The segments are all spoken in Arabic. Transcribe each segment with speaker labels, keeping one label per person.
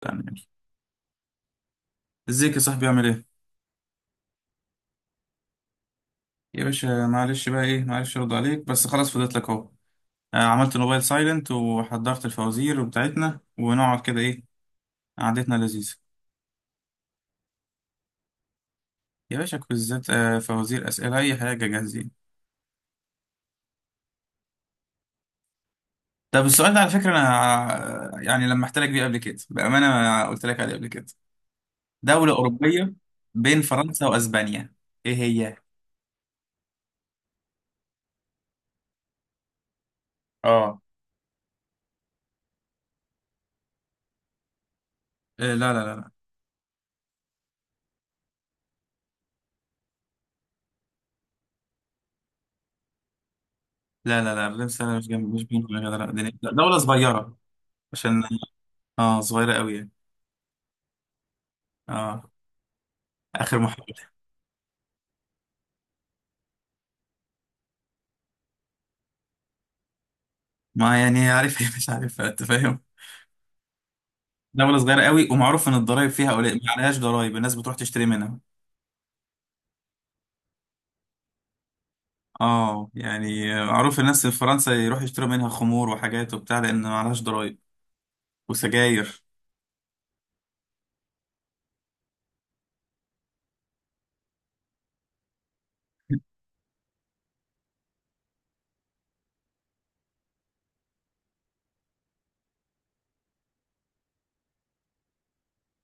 Speaker 1: تمام ماشي. ازيك يا صاحبي؟ عامل ايه؟ يا باشا معلش بقى ايه، معلش ارد عليك بس خلاص فضيت لك اهو. عملت الموبايل سايلنت وحضرت الفوازير بتاعتنا ونقعد كده ايه، قعدتنا لذيذه. يا باشا كويزات، فوازير، اسئله، اي حاجه جاهزين. طب السؤال ده على فكره انا، يعني لما احتلك بيه قبل كده بامانه ما قلت لك عليه قبل كده. دوله اوروبيه، بين فرنسا واسبانيا. ايه هي؟ اه. إيه، لا لا لا لا. لا لا لا، الرمس أنا؟ مش جنب، مش بين. لا لا لا، لا، دوله صغيره. عشان. اه، صغيره قوي. اه. اخر محاولة. ما يعني عارفها مش عارفها، انت فاهم. دولة صغيرة قوي، ومعروف ان الضرايب فيها قليل، ما عليهاش ضرايب، الناس بتروح تشتري منها. اه يعني معروف الناس في فرنسا يروحوا يشتروا منها خمور وحاجات وبتاع، لان ما عليهاش ضرايب، وسجاير.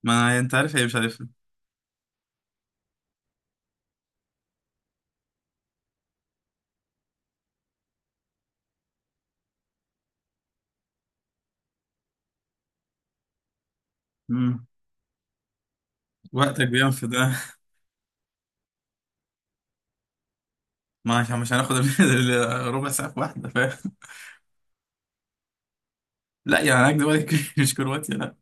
Speaker 1: ما انت عارف هي مش عارفها. امم وقتك بينفد ده. ما عشان مش هناخد ربع ساعة في واحدة، فاهم. لا يعني هناك دلوقتي مش كرواتيا لا.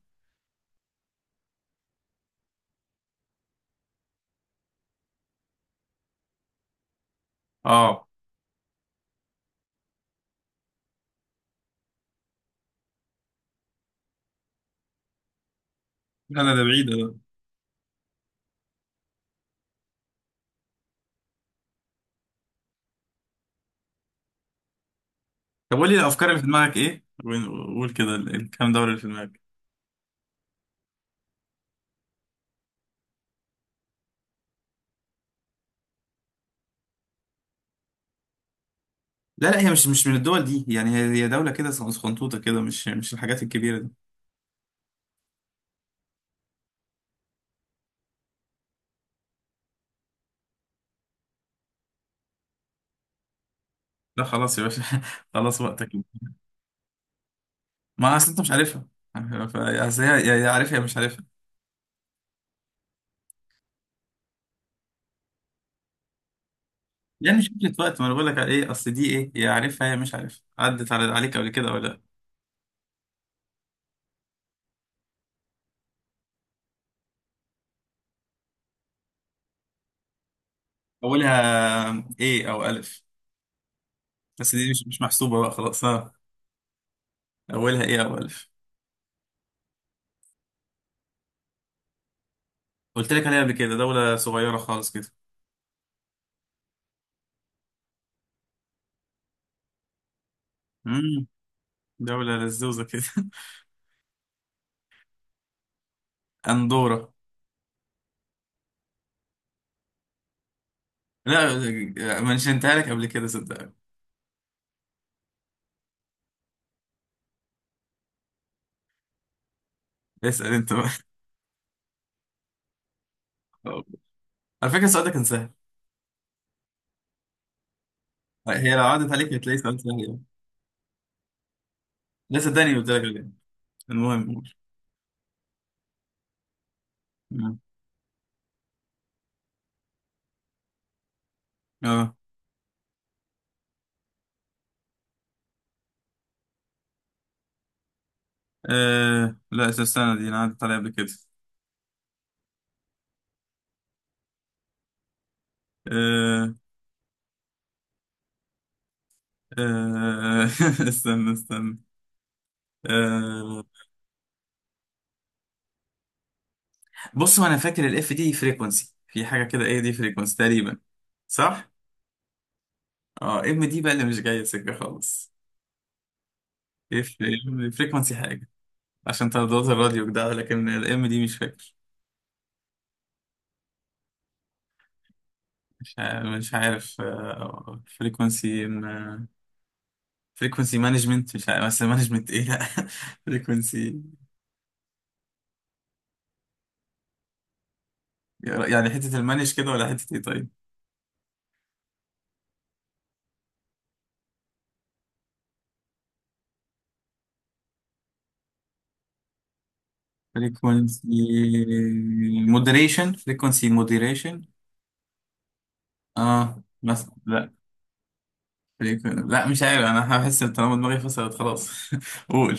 Speaker 1: اه. لا لا، ده بعيدة ده. طب قول لي الافكار اللي في دماغك ايه، وقول كده الكام دولة اللي في دماغك. لا لا، هي مش من الدول دي يعني، هي دولة كده صغنطوطة كده، مش الحاجات الكبيرة دي. لا خلاص يا باشا، خلاص وقتك. ما اصل انت مش عارفها. اصل هي يا عارفها يا مش عارفها. يعني شكلة وقت ما انا بقول لك على ايه، اصل دي ايه، يا عارفها يا مش عارفها، عدت على عليك قبل كده ولا لا. اولها ايه او الف، بس دي مش مش محسوبة بقى، خلاص ها. اولها ايه او الف. قلت لك عليها قبل كده، دولة صغيرة خالص كده. امم دولة لزوزة كده. اندورا. لا، منشنتها لك قبل كده صدقني. اسأل انت. أه. على فكرة السؤال ده كان سهل. هي لو عدت عليك هتلاقي سؤال سهل يعني. لا صدقني قلت لك الإجابة. المهم قول. مم. اه. لا استنى، دي انا عدت عليها قبل كده. آه. آه استنى استنى. آه. بص، هو انا فاكر الاف دي فريكونسي في حاجه كده، ايه دي؟ فريكونسي تقريبا، صح. اه، ام دي بقى اللي مش جايه سكه خالص. اف فريكونسي حاجه، عشان ترددات الراديو كده، لكن الام دي مش فاكر. مش عارف، مش عارف. آه فريكونسي، فريكونسي مانجمنت، مش عارف، بس مانجمنت ايه، لا. فريكونسي، يعني حتة المانج كده ولا حتة ايه؟ طيب. فريكونسي مودريشن، فريكونسي مودريشن. اه مثلا، لا. لا مش عارف، انا هحس إن طالما دماغي فصلت خلاص. قول.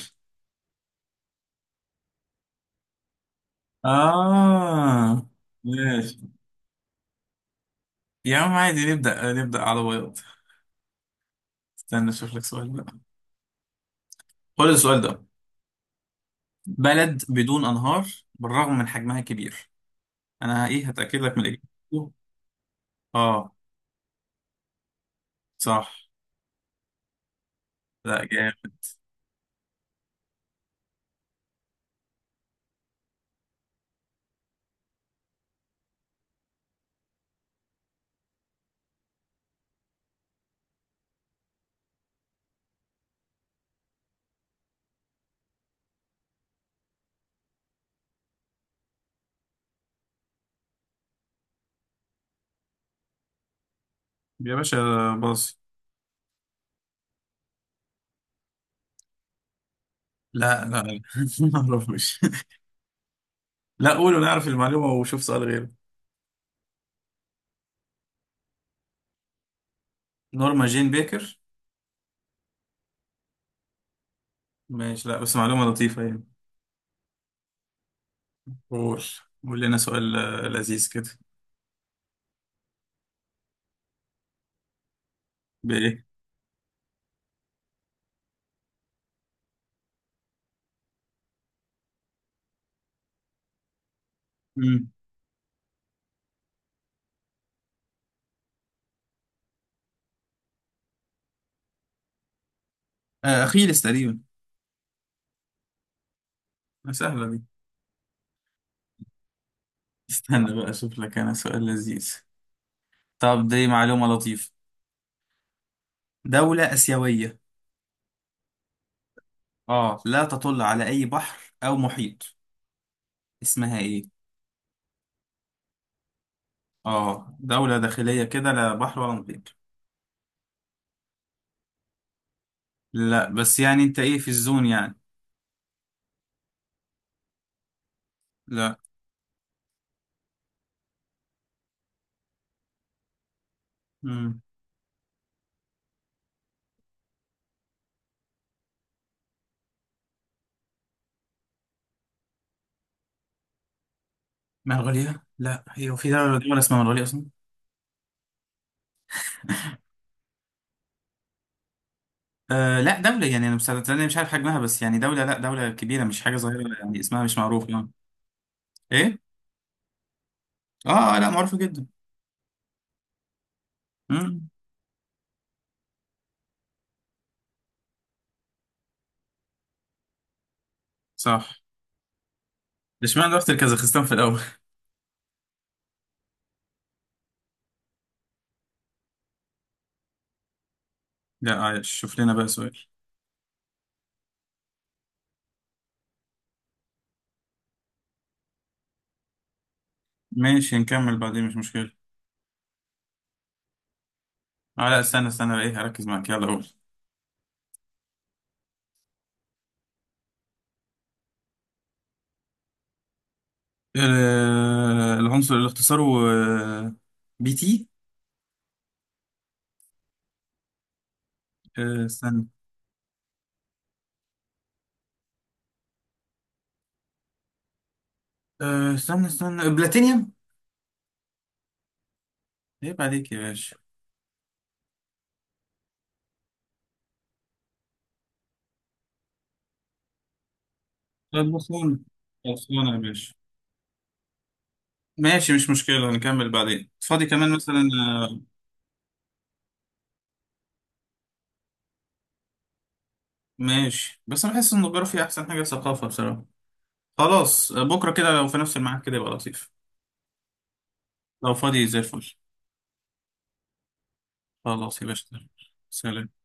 Speaker 1: اه ماشي. يا عم عادي نبدأ، نبدأ على بياض. استنى اشوف لك سؤال بقى. خد السؤال ده: بلد بدون انهار بالرغم من حجمها كبير. انا ايه، هتأكد لك من الاجابة. اه. صح. لا جامد. يا باشا، باص. لا لا لا. ما اعرفش. لا قول ونعرف المعلومة وشوف سؤال غيره. نورما جين بيكر. ماشي، لا بس معلومة لطيفة يعني. قول، قول لنا سؤال لذيذ كده. بإيه؟ مم. أخيلس تقريبا. سهلة دي. استنى بقى أشوف لك أنا سؤال لذيذ. طب دي معلومة لطيفة. دولة آسيوية، آه، لا تطل على أي بحر أو محيط. اسمها إيه؟ آه دولة داخلية كده، لا بحر ولا محيط. لا بس يعني انت ايه، في الزون يعني. لا. مم. منغوليا؟ لا، هي في دولة، دولة اسمها منغوليا اصلا. آه. لا دولة يعني، انا مش، انا مش عارف حجمها، بس يعني دولة، لا دولة كبيرة مش حاجة صغيرة يعني، اسمها مش معروف يعني. ايه. اه، لا معروفة جدا. امم صح. اشمعنى رحت الكازاخستان في الاول؟ لا عايش، شوف لنا بقى سؤال. ماشي، نكمل بعدين مش مشكلة. اه لا استنى، استنى ايه، هركز معاك، يلا قول. العنصر اللي اختصاره آه، بي تي. استنى. استنى استنى، بلاتينيوم. عيب عليك يا باشا. خلصانة، خلصانة يا باشا. ماشي مش مشكلة، نكمل بعدين فاضي كمان مثلا. آه، ماشي، بس أنا بحس إن الجغرافيا أحسن حاجة ثقافة بصراحة. خلاص، بكرة كده لو في نفس الميعاد كده يبقى لطيف. لو فاضي زي الفل. خلاص يا باشا. سلام.